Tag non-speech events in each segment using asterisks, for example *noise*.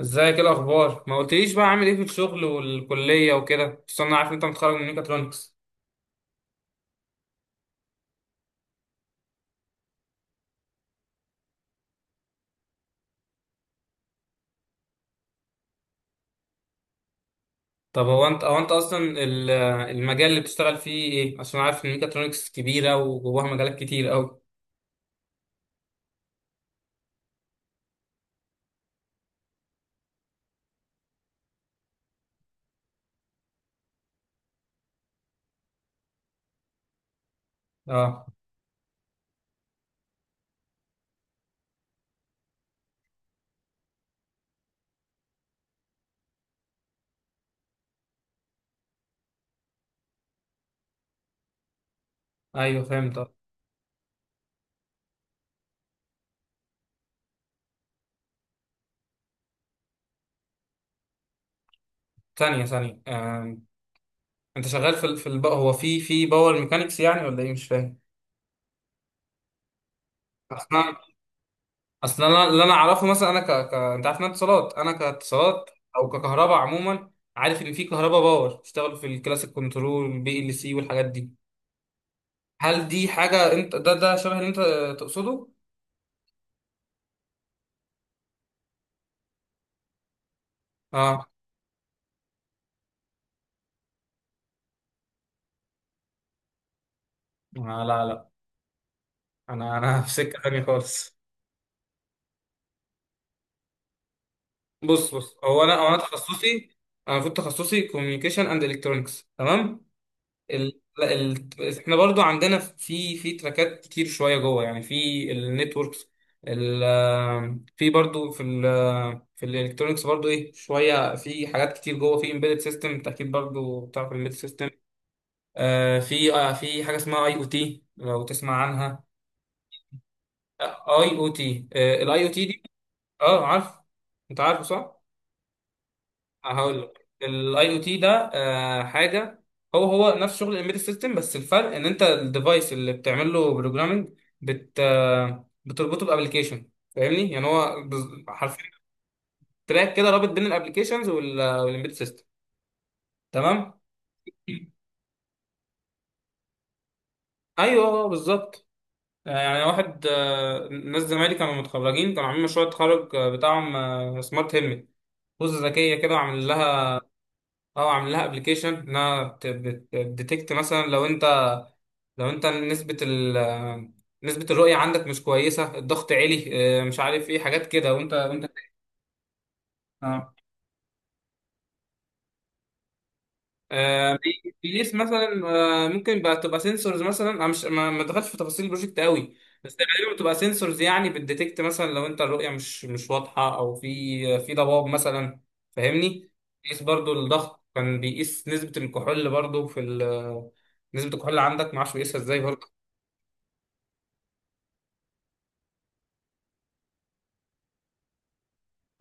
ازيك؟ ايه الاخبار؟ ما قلتليش بقى، عامل ايه في الشغل والكليه وكده؟ بس انا عارف إن انت متخرج من ميكاترونكس. طب هو انت اصلا المجال اللي بتشتغل فيه ايه؟ عشان عارف ان ميكاترونكس كبيره وجواها مجالات كتير قوي. اه، ايوه فهمت آه. ثانيه ثانيه آه. انت شغال هو في باور ميكانيكس يعني ولا ايه؟ مش فاهم اصلا. اصلا انا اللي اعرفه مثلا، انت عارف إن انا اتصالات، انا كاتصالات او ككهرباء عموما. عارف ان في كهرباء باور بيشتغلوا في الكلاسيك كنترول، البي ال سي والحاجات دي. هل دي حاجة انت ده شبه اللي انت تقصده؟ اه آه، لا لا، انا *laughs* في سكة تانية خالص. بص هو انا تخصصي، انا المفروض تخصصي كوميونيكيشن اند الكترونكس، تمام. لا، احنا برضو عندنا في تراكات كتير شوية جوه يعني، في النتوركس، ال... في برضو في الالكترونكس برضو ايه شوية، في حاجات كتير جوه، في امبيدد سيستم. انت اكيد برضو بتعرف الامبيدد سيستم. آه في في حاجة اسمها اي او تي، لو تسمع عنها. اي او تي، الاي او تي دي اه عارف، انت عارفه صح. هقول لك الاي او تي ده حاجه هو نفس شغل الامبيدد سيستم، بس الفرق ان انت الديفايس اللي بتعمل له بروجرامنج بت آه، بتربطه بابلكيشن. فاهمني؟ يعني هو حرفيا تراك كده رابط بين الابلكيشنز والامبيدد سيستم، تمام. ايوه آه، بالظبط. يعني واحد آه، ناس زمايلي كانوا متخرجين، كانوا عاملين مشروع التخرج بتاعهم سمارت هيلمت، بوزة ذكية كده عامل. اه عامل لها ابلكيشن، انها بتديتكت مثلا لو انت، لو انت نسبة الرؤية عندك مش كويسة، الضغط عالي، مش عارف ايه، حاجات كده، وانت وانت. اه بيقيس مثلا. ممكن بقى تبقى سنسورز مثلا، انا مش ما دخلتش في تفاصيل البروجكت قوي، بس غالبا بتبقى سنسورز يعني، بتديتكت مثلا لو انت الرؤية مش واضحة، او في ضباب مثلا، فاهمني؟ بيقيس برضو الضغط، كان بيقيس نسبة الكحول برضو نسبة الكحول اللي عندك، معرفش بيقيسها ازاي برضو.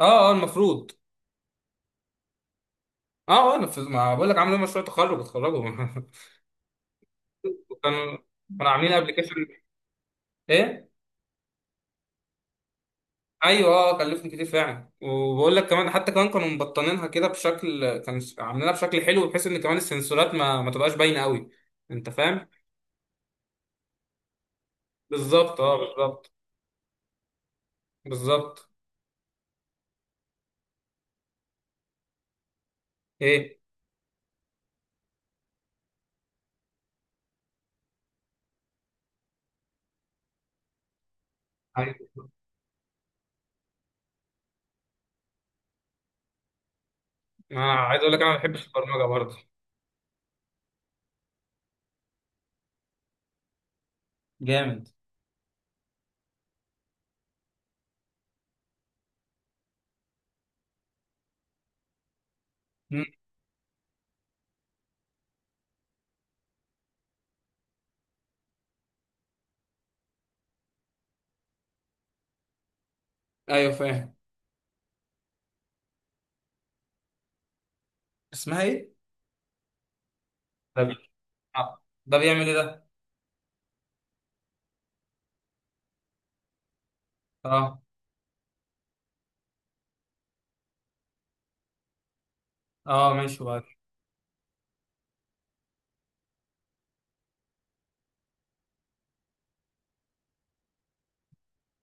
اه اه المفروض. اه اه، أنا ما بقول لك، عملوا مشروع تخرج اتخرجوا *laughs* كانوا كانوا عاملين ابلكيشن. ايه؟ ايوه اه، كلفهم كتير فعلا. وبقول لك كمان، حتى كمان كانوا مبطنينها كده بشكل، كانوا عاملينها بشكل حلو، بحيث ان كمان السنسورات ما تبقاش باينه قوي. انت فاهم؟ بالظبط اه بالظبط. بالظبط. ايه، عايز، انا عايز اقول لك انا ما بحبش البرمجه برضه. جامد. مم. ايوه فاهم. اسمها ايه؟ ده بي- آه. ده بيعمل ايه ده؟ اه اه ماشي.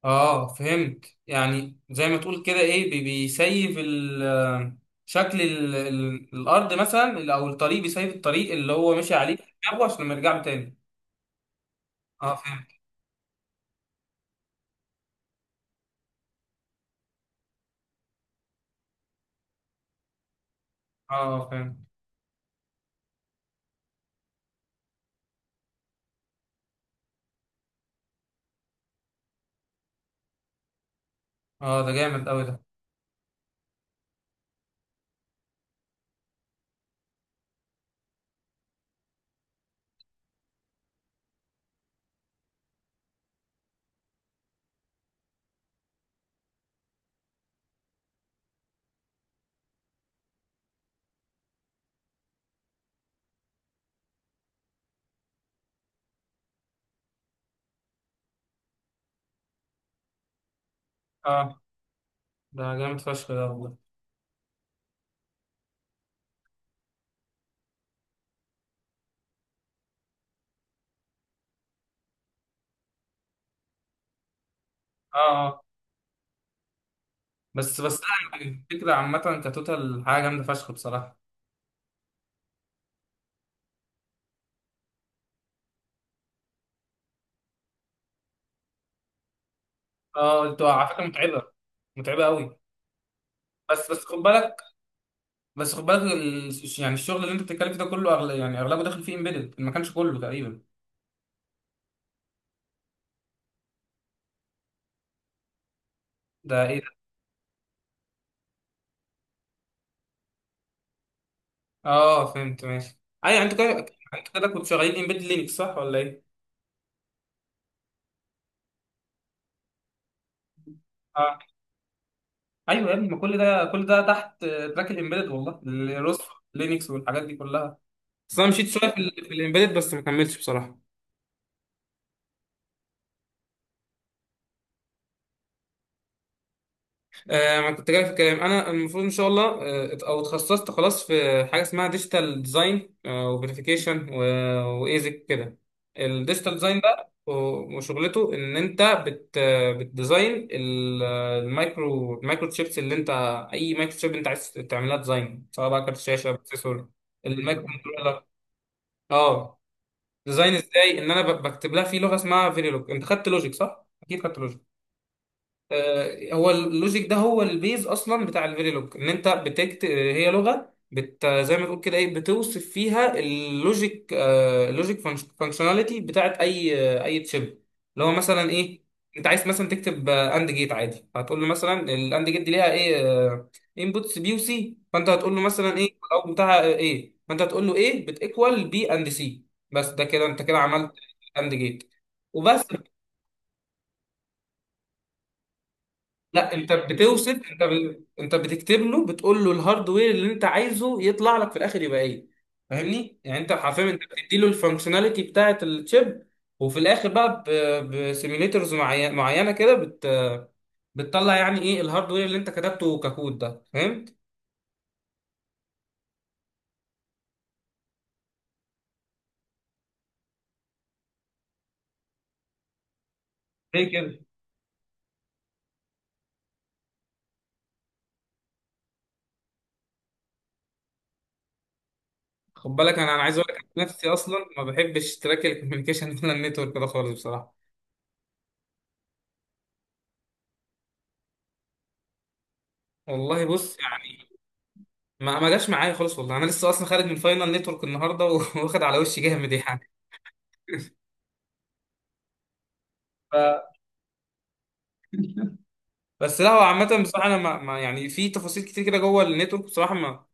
اه فهمت. يعني زي ما تقول كده ايه بيسيف شكل الارض مثلا، او الطريق، بيسيف الطريق اللي هو مشي عليه في دماغه، عشان ما يرجع له تاني. اه فهمت. اه فهمت. اه ده جامد قوي ده. اه ده جامد فشخ ده والله. اه اه. بس بس لا، الفكره عامه كتوتال حاجه جامده فشخ بصراحه. اه انتوا على فكره متعبه، متعبه قوي. بس بس خد بالك، بس خد بالك يعني الشغل اللي انت بتتكلم فيه ده كله يعني اغلبه داخل فيه امبيدد، ما كانش كله تقريبا. ده اه فهمت ماشي. ايوه انتوا كده، انتوا كده كنتوا شغالين امبيدد لينكس، صح ولا ايه؟ اه ايوه يا ابني، ما كل ده كل ده تحت تراك الامبيدد، والله الروس لينكس والحاجات دي كلها. بس انا مشيت شويه في، في الامبيدد، بس ما كملتش بصراحه. ما كنت جاي في الكلام، انا المفروض ان شاء الله او اتخصصت خلاص في حاجه اسمها ديجيتال ديزاين وفيريفيكيشن، وايزك كده. الديجيتال ديزاين ده وشغلته ان انت بتديزاين المايكرو تشيبس، اللي انت، اي مايكرو تشيب انت عايز تعملها ديزاين، سواء بقى كارت شاشه، بروسيسور، المايكرو كنترولر. اه ديزاين ازاي؟ ان انا بكتب لها في لغه اسمها فيريلوج. انت خدت لوجيك صح، اكيد خدت لوجيك. هو اللوجيك ده هو البيز اصلا بتاع الفيريلوج، ان انت بتكت، هي لغه بت زي ما تقول كده ايه، بتوصف فيها اللوجيك اللوجيك فانكشناليتي بتاعت اي تشيب، اللي هو مثلا ايه، انت عايز مثلا تكتب اند جيت عادي، هتقول له مثلا الاند جيت دي ليها ايه انبوتس، بي وسي، فانت هتقول له مثلا ايه الاوت بتاعها ايه، فانت هتقول له ايه بتيكوال بي اند سي. بس ده كده انت كده عملت اند جيت وبس. لا انت بتوصف، انت انت بتكتب له، بتقول له الهاردوير اللي انت عايزه يطلع لك في الاخر يبقى ايه، فاهمني؟ يعني انت حرفيا انت بتدي له الفانكشناليتي بتاعه الشيب، وفي الاخر بقى بسيميليترز معينه كده بتطلع يعني ايه الهاردوير اللي انت كتبته ككود ده، فهمت؟ ليه كده؟ خد بالك، انا عايز اقول لك أنا نفسي اصلا ما بحبش تراك الكوميونيكيشن ولا *laughs* النتورك ده خالص بصراحه. والله بص يعني، ما جاش معايا خالص والله، انا لسه اصلا خارج من فاينل نتورك النهارده *laughs* واخد على وشي جامد يعني. ف... بس لا هو عامة بصراحة، أنا ما يعني في تفاصيل كتير كده جوه النتورك بصراحة، ما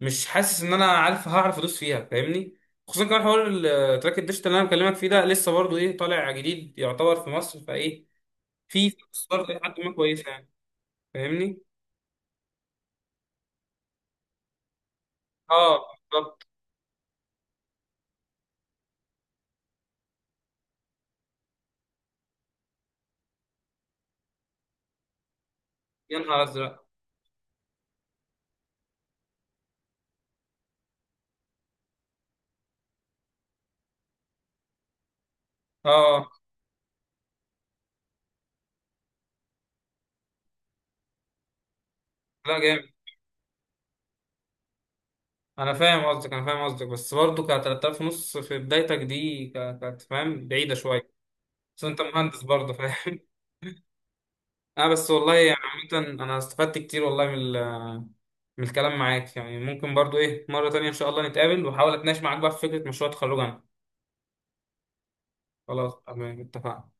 مش حاسس إن أنا عارف هعرف أدوس فيها، فاهمني؟ خصوصا كمان حوار التراك الديجيتال اللي أنا بكلمك فيه ده، لسه برضه إيه طالع جديد يعتبر في مصر، فإيه في فرص برضه إيه حد ما كويسة يعني، فاهمني؟ أه بالظبط. يا نهار أزرق. أه لا جامد. أنا فاهم قصدك، أنا فاهم قصدك، بس برضه ك 3000 ونص في بدايتك دي كانت فاهم بعيدة شوية. بس أنت مهندس برضه، فاهم؟ اه بس والله يعني، عامة انا استفدت كتير والله من من الكلام معاك. يعني ممكن برضو ايه مرة تانية ان شاء الله نتقابل، واحاول اتناقش معاك بقى في فكرة مشروع تخرجنا. خلاص تمام، اتفقنا.